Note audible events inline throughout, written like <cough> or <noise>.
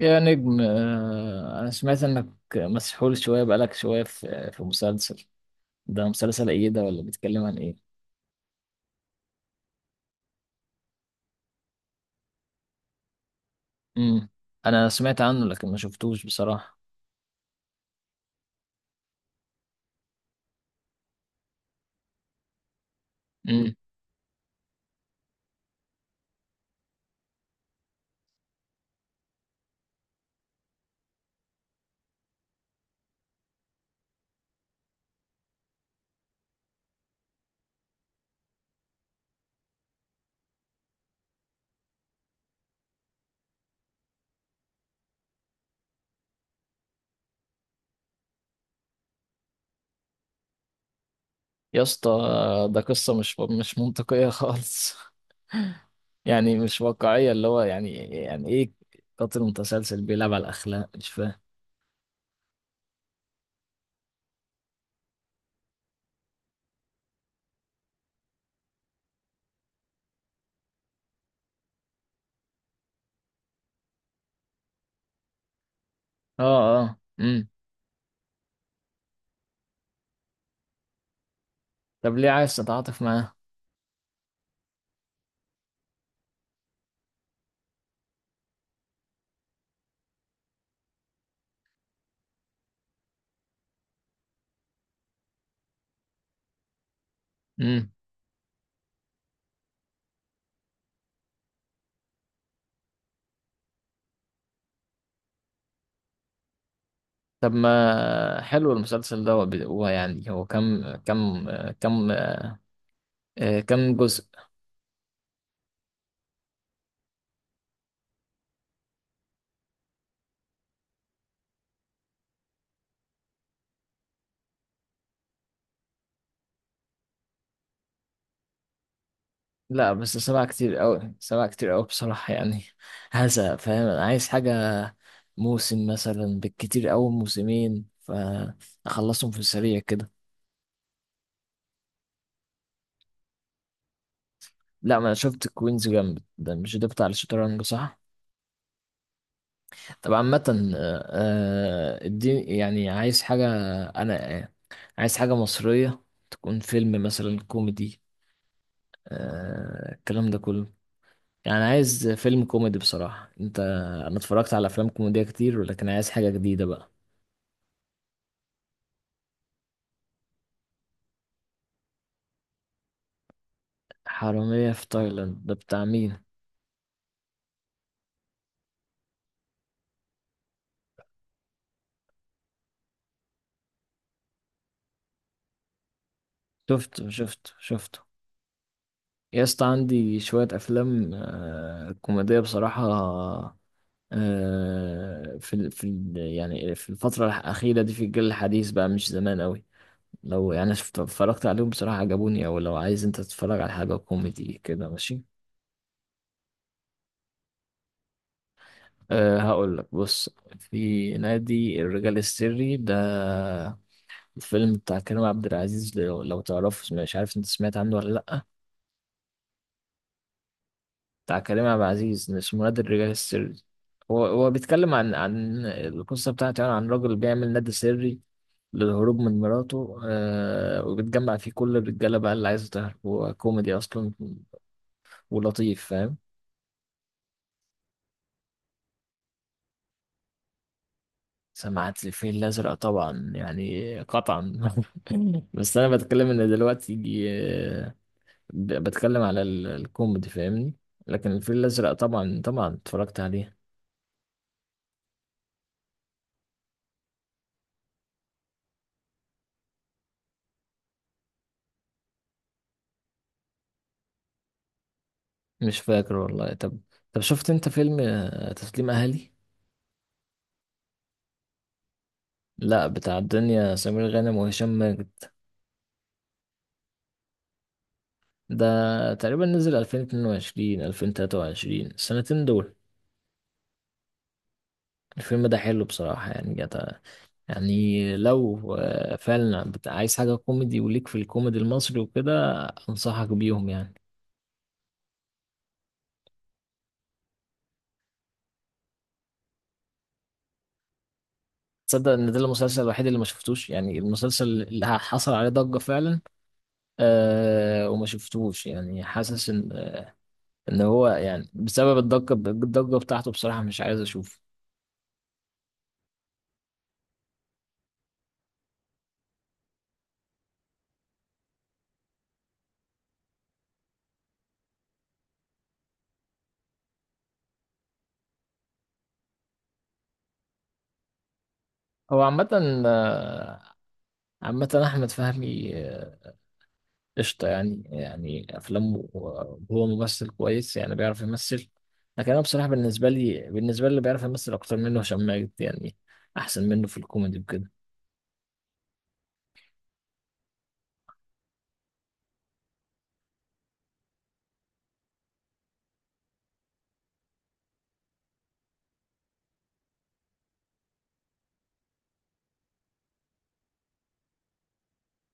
يا نجم أنا سمعت إنك مسحول شوية بقالك شوية في مسلسل. ده مسلسل إيه ده ولا بيتكلم عن إيه؟ مم. أنا سمعت عنه لكن ما شفتوش بصراحة. مم. يا اسطى، ده قصة مش منطقية خالص <laughs> يعني مش واقعية اللي هو يعني يعني إيه؟ قاتل متسلسل بيلعب على الأخلاق مش فاهم. آه آه مم. طب ليه عايز تتعاطف معاه؟ مم. طب ما حلو المسلسل ده، هو بي- هو يعني هو كم كم كم آه، كم جزء؟ لا بس سبعة كتير قوي، سبعة كتير قوي بصراحة يعني. هذا فاهم، أنا عايز حاجة موسم مثلا، بالكتير قوي موسمين، فأخلصهم في السريع كده. لا ما أنا شفت كوينز جامد ده، مش ده بتاع الشطرنج صح؟ طب عامة اديني يعني عايز حاجة. أنا آه، عايز حاجة مصرية تكون فيلم مثلا كوميدي، الكلام ده كله. يعني عايز فيلم كوميدي بصراحة انت، انا اتفرجت على افلام كوميدية كتير ولكن عايز حاجة جديدة بقى. حرامية في تايلاند ده بتاع مين؟ شفته. يا اسطى، عندي شوية أفلام كوميدية بصراحة، يعني في الفترة الأخيرة دي في الجيل الحديث بقى مش زمان أوي. لو يعني شفت اتفرجت عليهم بصراحة عجبوني، أو لو عايز أنت تتفرج على حاجة كوميدي كده ماشي. أه هقول لك، بص، في نادي الرجال السري ده، الفيلم بتاع كريم عبد العزيز، لو تعرفه، مش عارف أنت سمعت عنه ولا لأ. بتاع كريم عبد العزيز، اسمه نادي الرجال السري. هو بيتكلم عن القصة بتاعته، يعني عن راجل بيعمل نادي سري للهروب من مراته، وبتجمع فيه كل الرجالة بقى اللي عايزة تهرب، هو كوميدي أصلا ولطيف، فاهم؟ سمعت الفيل الأزرق طبعا، يعني قطعا. <laughs> بس أنا بتكلم إن دلوقتي يجي بتكلم على الكوميدي، فاهمني؟ لكن الفيل الأزرق طبعا طبعا اتفرجت عليه. مش فاكر والله. طب، طب شفت أنت فيلم تسليم أهلي؟ لا بتاع الدنيا، سمير غانم وهشام ماجد. ده تقريبا نزل 2022 2023، السنتين دول. الفيلم ده حلو بصراحة يعني، جت يعني، لو فعلا عايز حاجة كوميدي وليك في الكوميدي المصري وكده، أنصحك بيهم يعني. تصدق إن ده المسلسل الوحيد اللي ما شفتوش، يعني المسلسل اللي حصل عليه ضجة فعلا، أه وما شفتوش يعني. حاسس إن إن هو يعني بسبب الضجة الضجة بتاعته بصراحة مش عايز أشوفه. هو عامة عامة أحمد فهمي قشطة يعني، يعني أفلامه هو ممثل كويس يعني، بيعرف يمثل. لكن أنا بصراحة، بالنسبة لي، اللي بيعرف يمثل أكتر منه هشام ماجد يعني، أحسن منه في الكوميدي وكده.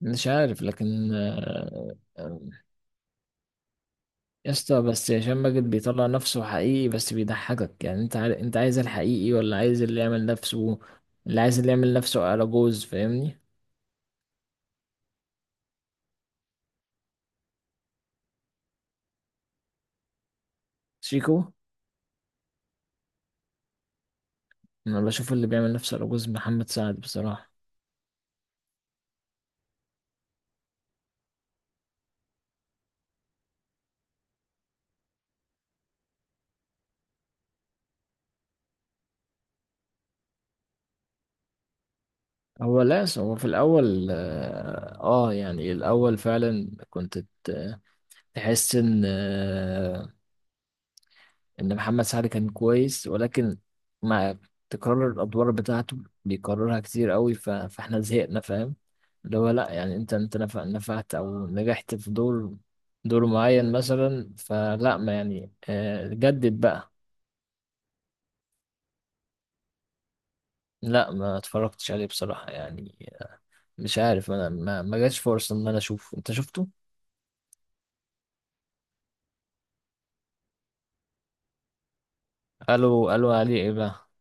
مش عارف، لكن يا اسطى، بس هشام ماجد بيطلع نفسه حقيقي بس بيضحكك، يعني أنت أنت عايز الحقيقي ولا عايز اللي يعمل نفسه؟ اللي عايز اللي يعمل نفسه على جوز، فاهمني؟ شيكو. أنا بشوف اللي بيعمل نفسه على جوز محمد سعد بصراحة. هو لاس هو في الأول يعني الأول فعلا كنت ت- تحس إن محمد سعد كان كويس، ولكن مع تكرار الأدوار بتاعته، بيكررها كتير قوي، فإحنا زهقنا، فاهم؟ اللي هو لأ، يعني أنت، أنت نفعت أو نجحت في دور، دور معين مثلا، فلأ، ما يعني جدد بقى. لأ ما اتفرجتش عليه بصراحة يعني، مش عارف، أنا ما جاش فرصة إن أنا أشوفه، أنت شفته؟ قالوا عليه إيه بقى؟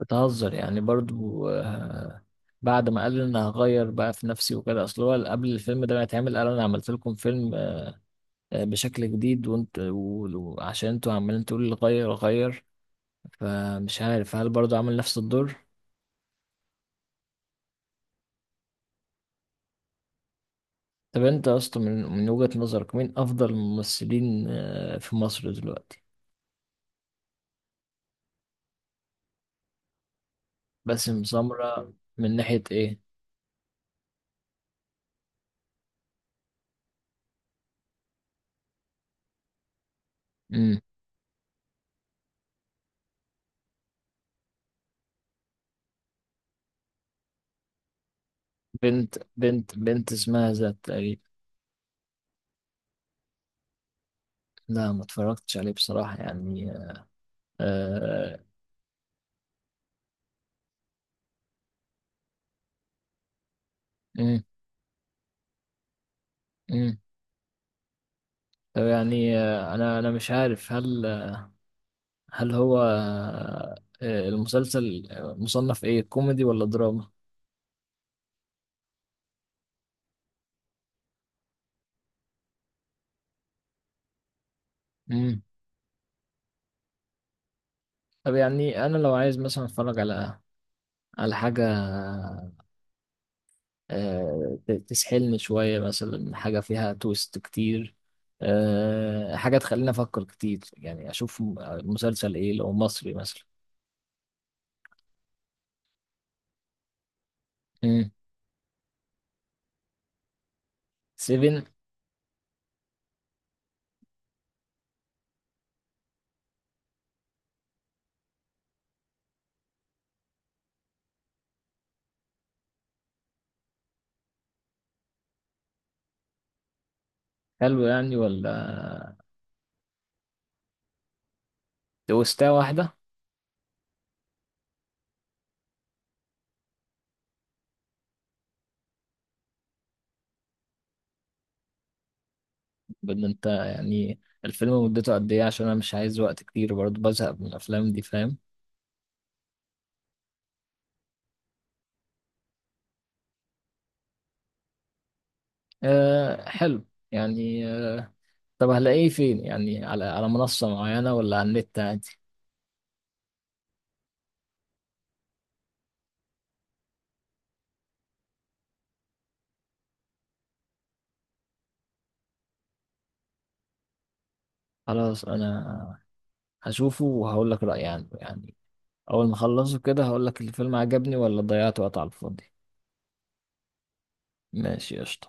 بتهزر يعني برضو. بعد ما قال انا هغير بقى في نفسي وكده، اصل هو قبل الفيلم ده ما يتعمل قال انا عملت لكم فيلم بشكل جديد، وعشان انتوا عمالين تقولوا لي غير غير، فمش عارف هل برضو عمل نفس الدور. طب انت اصلا، من وجهة نظرك، مين افضل الممثلين في مصر دلوقتي؟ باسم سمرة من ناحية ايه؟ امم. بنت اسمها ذات تقريبا. لا ما اتفرجتش عليه بصراحة يعني. آه، مم. مم. طب يعني انا مش عارف، هل هل هو آه، المسلسل مصنف ايه، كوميدي ولا دراما؟ امم. طب يعني انا لو عايز مثلا اتفرج على، على حاجه تسحلني شويه مثلا، حاجه فيها تويست كتير، حاجه تخليني افكر كتير، يعني اشوف مسلسل ايه لو مصري مثلا. امم. سيفن. حلو يعني ولا؟ تويستة واحده؟ بان انت يعني، الفيلم مدته قد ايه؟ عشان انا مش عايز وقت كتير، برضه بزهق من الافلام دي فاهم. أه حلو يعني. طب هلاقيه فين يعني، على على منصة معينة ولا على النت عادي؟ خلاص انا هشوفه وهقول لك رأيي عنه يعني، اول ما اخلصه كده هقول لك الفيلم عجبني ولا ضيعت وقت على الفاضي. ماشي قشطة.